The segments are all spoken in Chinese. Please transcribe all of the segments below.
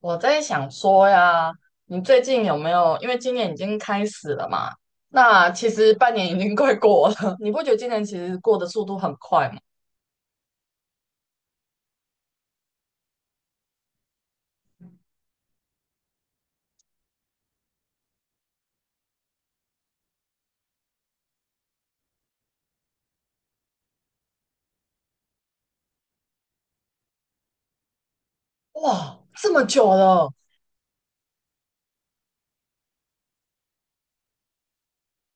我在想说呀，你最近有没有？因为今年已经开始了嘛，那其实半年已经快过了，你不觉得今年其实过的速度很快吗？哇，这么久了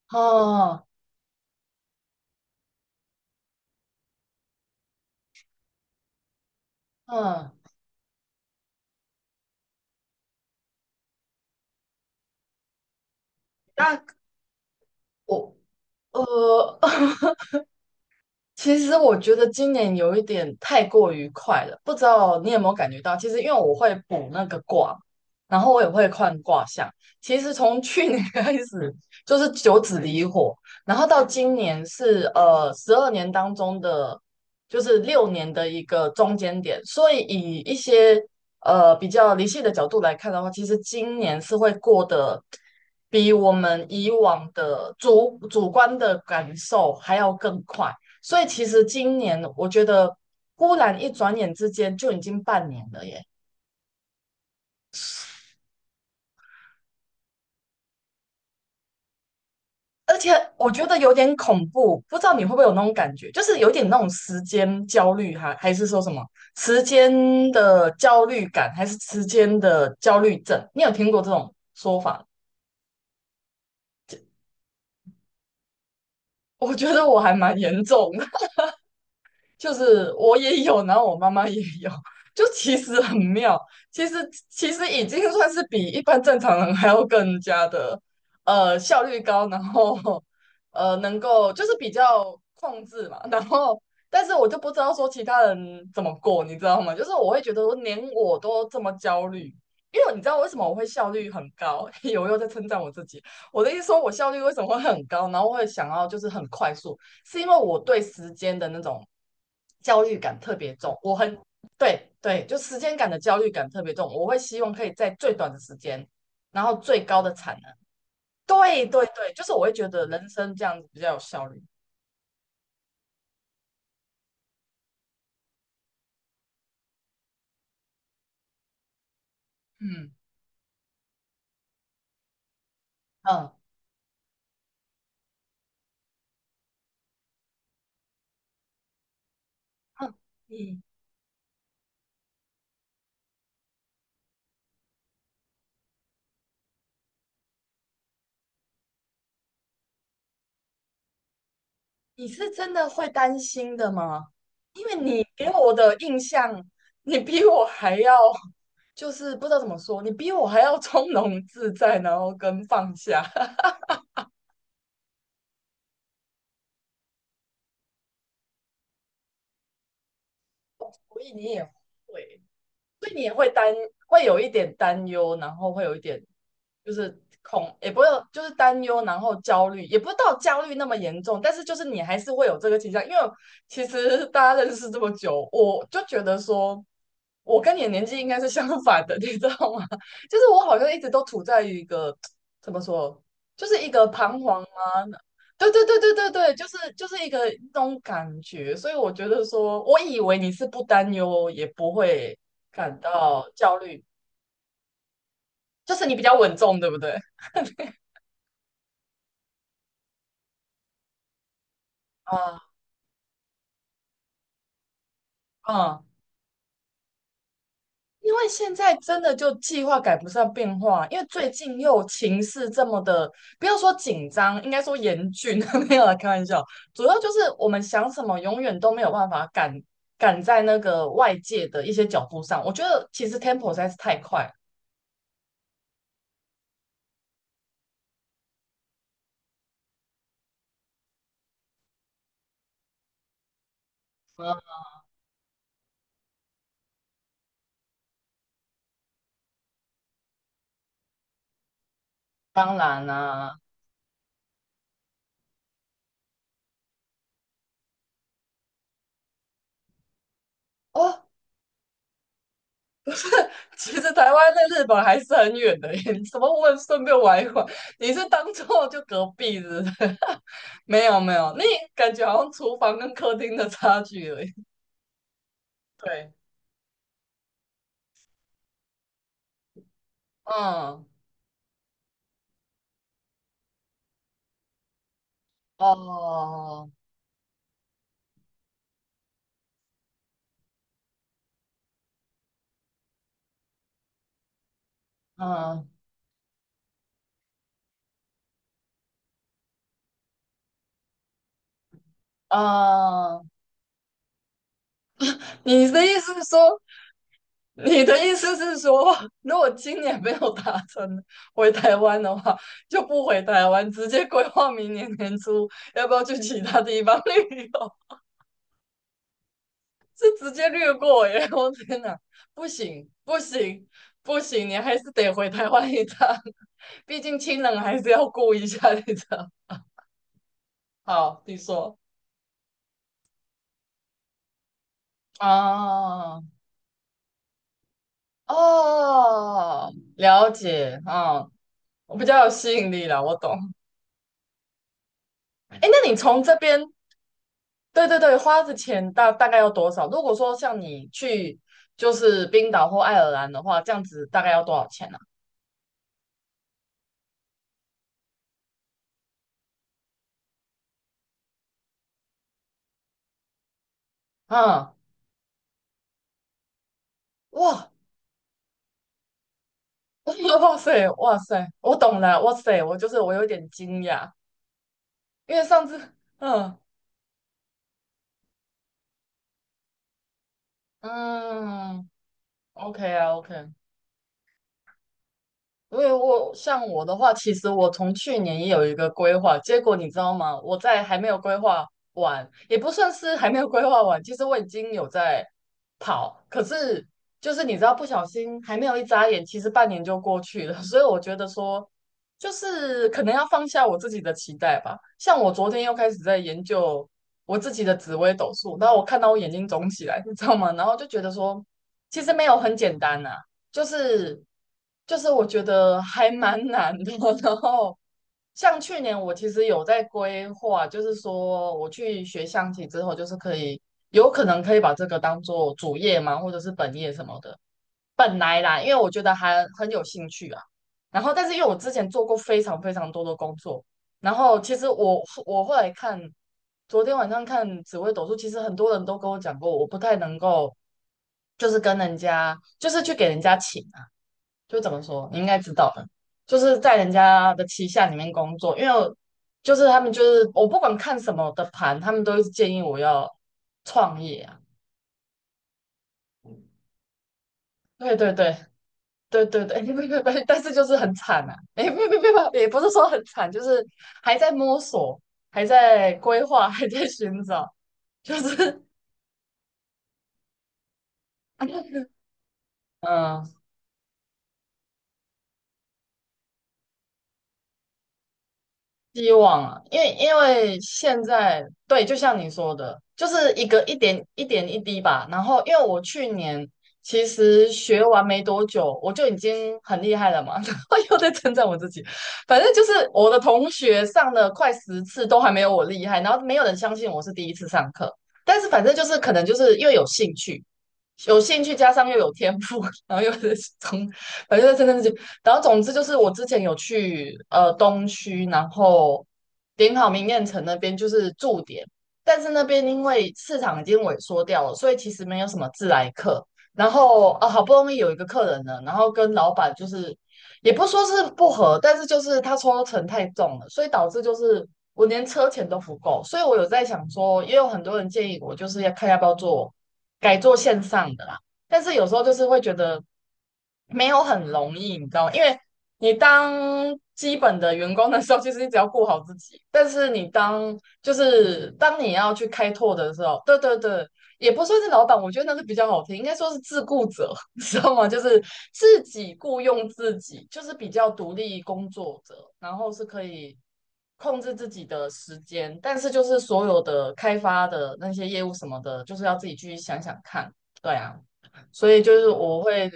啊。嗯。那我呃其实我觉得今年有一点太过于快了，不知道你有没有感觉到？其实因为我会补那个卦，然后我也会看卦象。其实从去年 开始就是九紫离火，然后到今年是12年当中的就是6年的一个中间点，所以以一些比较理性的角度来看的话，其实今年是会过得比我们以往的主观的感受还要更快。所以其实今年我觉得，忽然一转眼之间就已经半年了耶。而且我觉得有点恐怖，不知道你会不会有那种感觉，就是有点那种时间焦虑，还是说什么时间的焦虑感，还是时间的焦虑症？你有听过这种说法？我觉得我还蛮严重的。就是我也有，然后我妈妈也有，就其实很妙。其实其实已经算是比一般正常人还要更加的效率高，然后能够就是比较控制嘛，然后但是我就不知道说其他人怎么过，你知道吗？就是我会觉得我连我都这么焦虑。因为你知道为什么我会效率很高？我又在称赞我自己。我的意思说，我效率为什么会很高？然后会想要就是很快速，是因为我对时间的那种焦虑感特别重，我很对对，就时间感的焦虑感特别重，我会希望可以在最短的时间，然后最高的产能。对对对，就是我会觉得人生这样子比较有效率。嗯嗯嗯，你你是真的会担心的吗？因为你给我的印象，你比我还要，就是不知道怎么说，你比我还要 从容自在，然后跟放下。所以你也会。所以你也会担，会有一点担忧，然后会有一点就是恐，也不会就是担忧，然后焦虑，也不到焦虑那么严重，但是就是你还是会有这个倾向。因为其实大家认识这么久，我就觉得说，我跟你的年纪应该是相反的，你知道吗？就是我好像一直都处在于一个怎么说，就是一个彷徨啊。对对对对对对，就是一个那种感觉，所以我觉得说，我以为你是不担忧，也不会感到焦虑，就是你比较稳重，对不对？啊，嗯，因为现在真的就计划赶不上变化，因为最近又情势这么的，不要说紧张，应该说严峻。没有啦，开玩笑，主要就是我们想什么，永远都没有办法赶在那个外界的一些脚步上。我觉得其实 tempo 实在是太快了。嗯，当然啦。哦，其实台湾在日本还是很远的耶，你怎么问顺便玩一玩？你是当做就隔壁是不是？没有没有，那感觉好像厨房跟客厅的差距而已。对，嗯，哦，嗯嗯，你的意思是说，你的意思是说，如果今年没有达成回台湾的话，就不回台湾，直接规划明年年初要不要去其他地方旅游，是直接略过耶！我天哪，不行不行不行，你还是得回台湾一趟，毕竟亲人还是要顾一下，你知道？好，你说。啊，哦，了解，嗯，我比较有吸引力了，我懂。哎，那你从这边，对对对，花的钱大概要多少？如果说像你去就是冰岛或爱尔兰的话，这样子大概要多少钱呢？啊？嗯，哇。哇塞，哇塞，我懂了，哇塞，我就是我有点惊讶，因为上次，嗯嗯。OK 啊，OK。因为我像我的话，其实我从去年也有一个规划，结果你知道吗？我在还没有规划完，也不算是还没有规划完，其实我已经有在跑，可是就是你知道，不小心还没有一眨眼，其实半年就过去了，所以我觉得说，就是可能要放下我自己的期待吧。像我昨天又开始在研究我自己的紫微斗数，然后我看到我眼睛肿起来，你知道吗？然后就觉得说，其实没有很简单呐。就是就是我觉得还蛮难的。然后像去年我其实有在规划，就是说我去学象棋之后，就是可以有可能可以把这个当做主业嘛，或者是本业什么的。本来啦，因为我觉得还很有兴趣啊。然后，但是因为我之前做过非常非常多的工作，然后其实我后来看，昨天晚上看紫薇斗数，其实很多人都跟我讲过，我不太能够就是跟人家就是去给人家请。就怎么说，你应该知道的，就是在人家的旗下里面工作。因为我就是他们就是我不管看什么的盘，他们都是建议我要创业啊。对对对对对对，不不不，但是就是很惨啊，哎，不不不不，也不是说很惨，就是还在摸索，还在规划，还在寻找，就是 嗯。希望啊，因为因为现在对，就像你说的，就是一个一点一点一滴吧。然后，因为我去年其实学完没多久，我就已经很厉害了嘛。然后又在称赞我自己，反正就是我的同学上了快10次都还没有我厉害，然后没有人相信我是第一次上课。但是反正就是可能就是又有兴趣，有兴趣加上又有天赋，然后又是从，反正在称赞自己。然后总之就是我之前有去东区，然后点好明艳城那边就是驻点，但是那边因为市场已经萎缩掉了，所以其实没有什么自来客。然后啊，好不容易有一个客人呢，然后跟老板就是也不说是不合，但是就是他抽成太重了，所以导致就是我连车钱都不够。所以我有在想说，也有很多人建议我就是要看要不要做改做线上的啦。但是有时候就是会觉得没有很容易，你知道吗？因为你当基本的员工的时候，其实你只要顾好自己，但是你当就是当你要去开拓的时候，对对对，也不算是老板，我觉得那是比较好听，应该说是自雇者，你知道吗？就是自己雇佣自己，就是比较独立工作者，然后是可以控制自己的时间，但是就是所有的开发的那些业务什么的，就是要自己去想想看。对啊。所以就是我会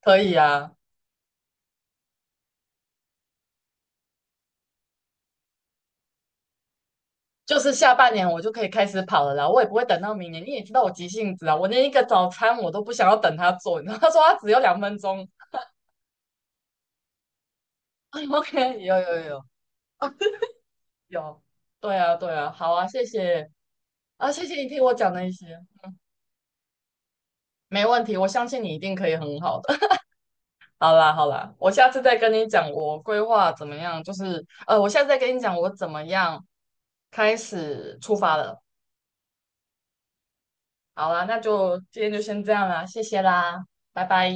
可以啊，就是下半年我就可以开始跑了啦，我也不会等到明年。你也知道我急性子啊，我连一个早餐我都不想要等他做，你知道 他说他只有2分钟。OK，有有，对啊对啊，好啊。谢谢啊，谢谢你听我讲那些，没问题，我相信你一定可以很好的。好啦好啦，我下次再跟你讲我规划怎么样，就是我下次再跟你讲我怎么样开始出发了。好啦，那就今天就先这样啦，谢谢啦，拜拜。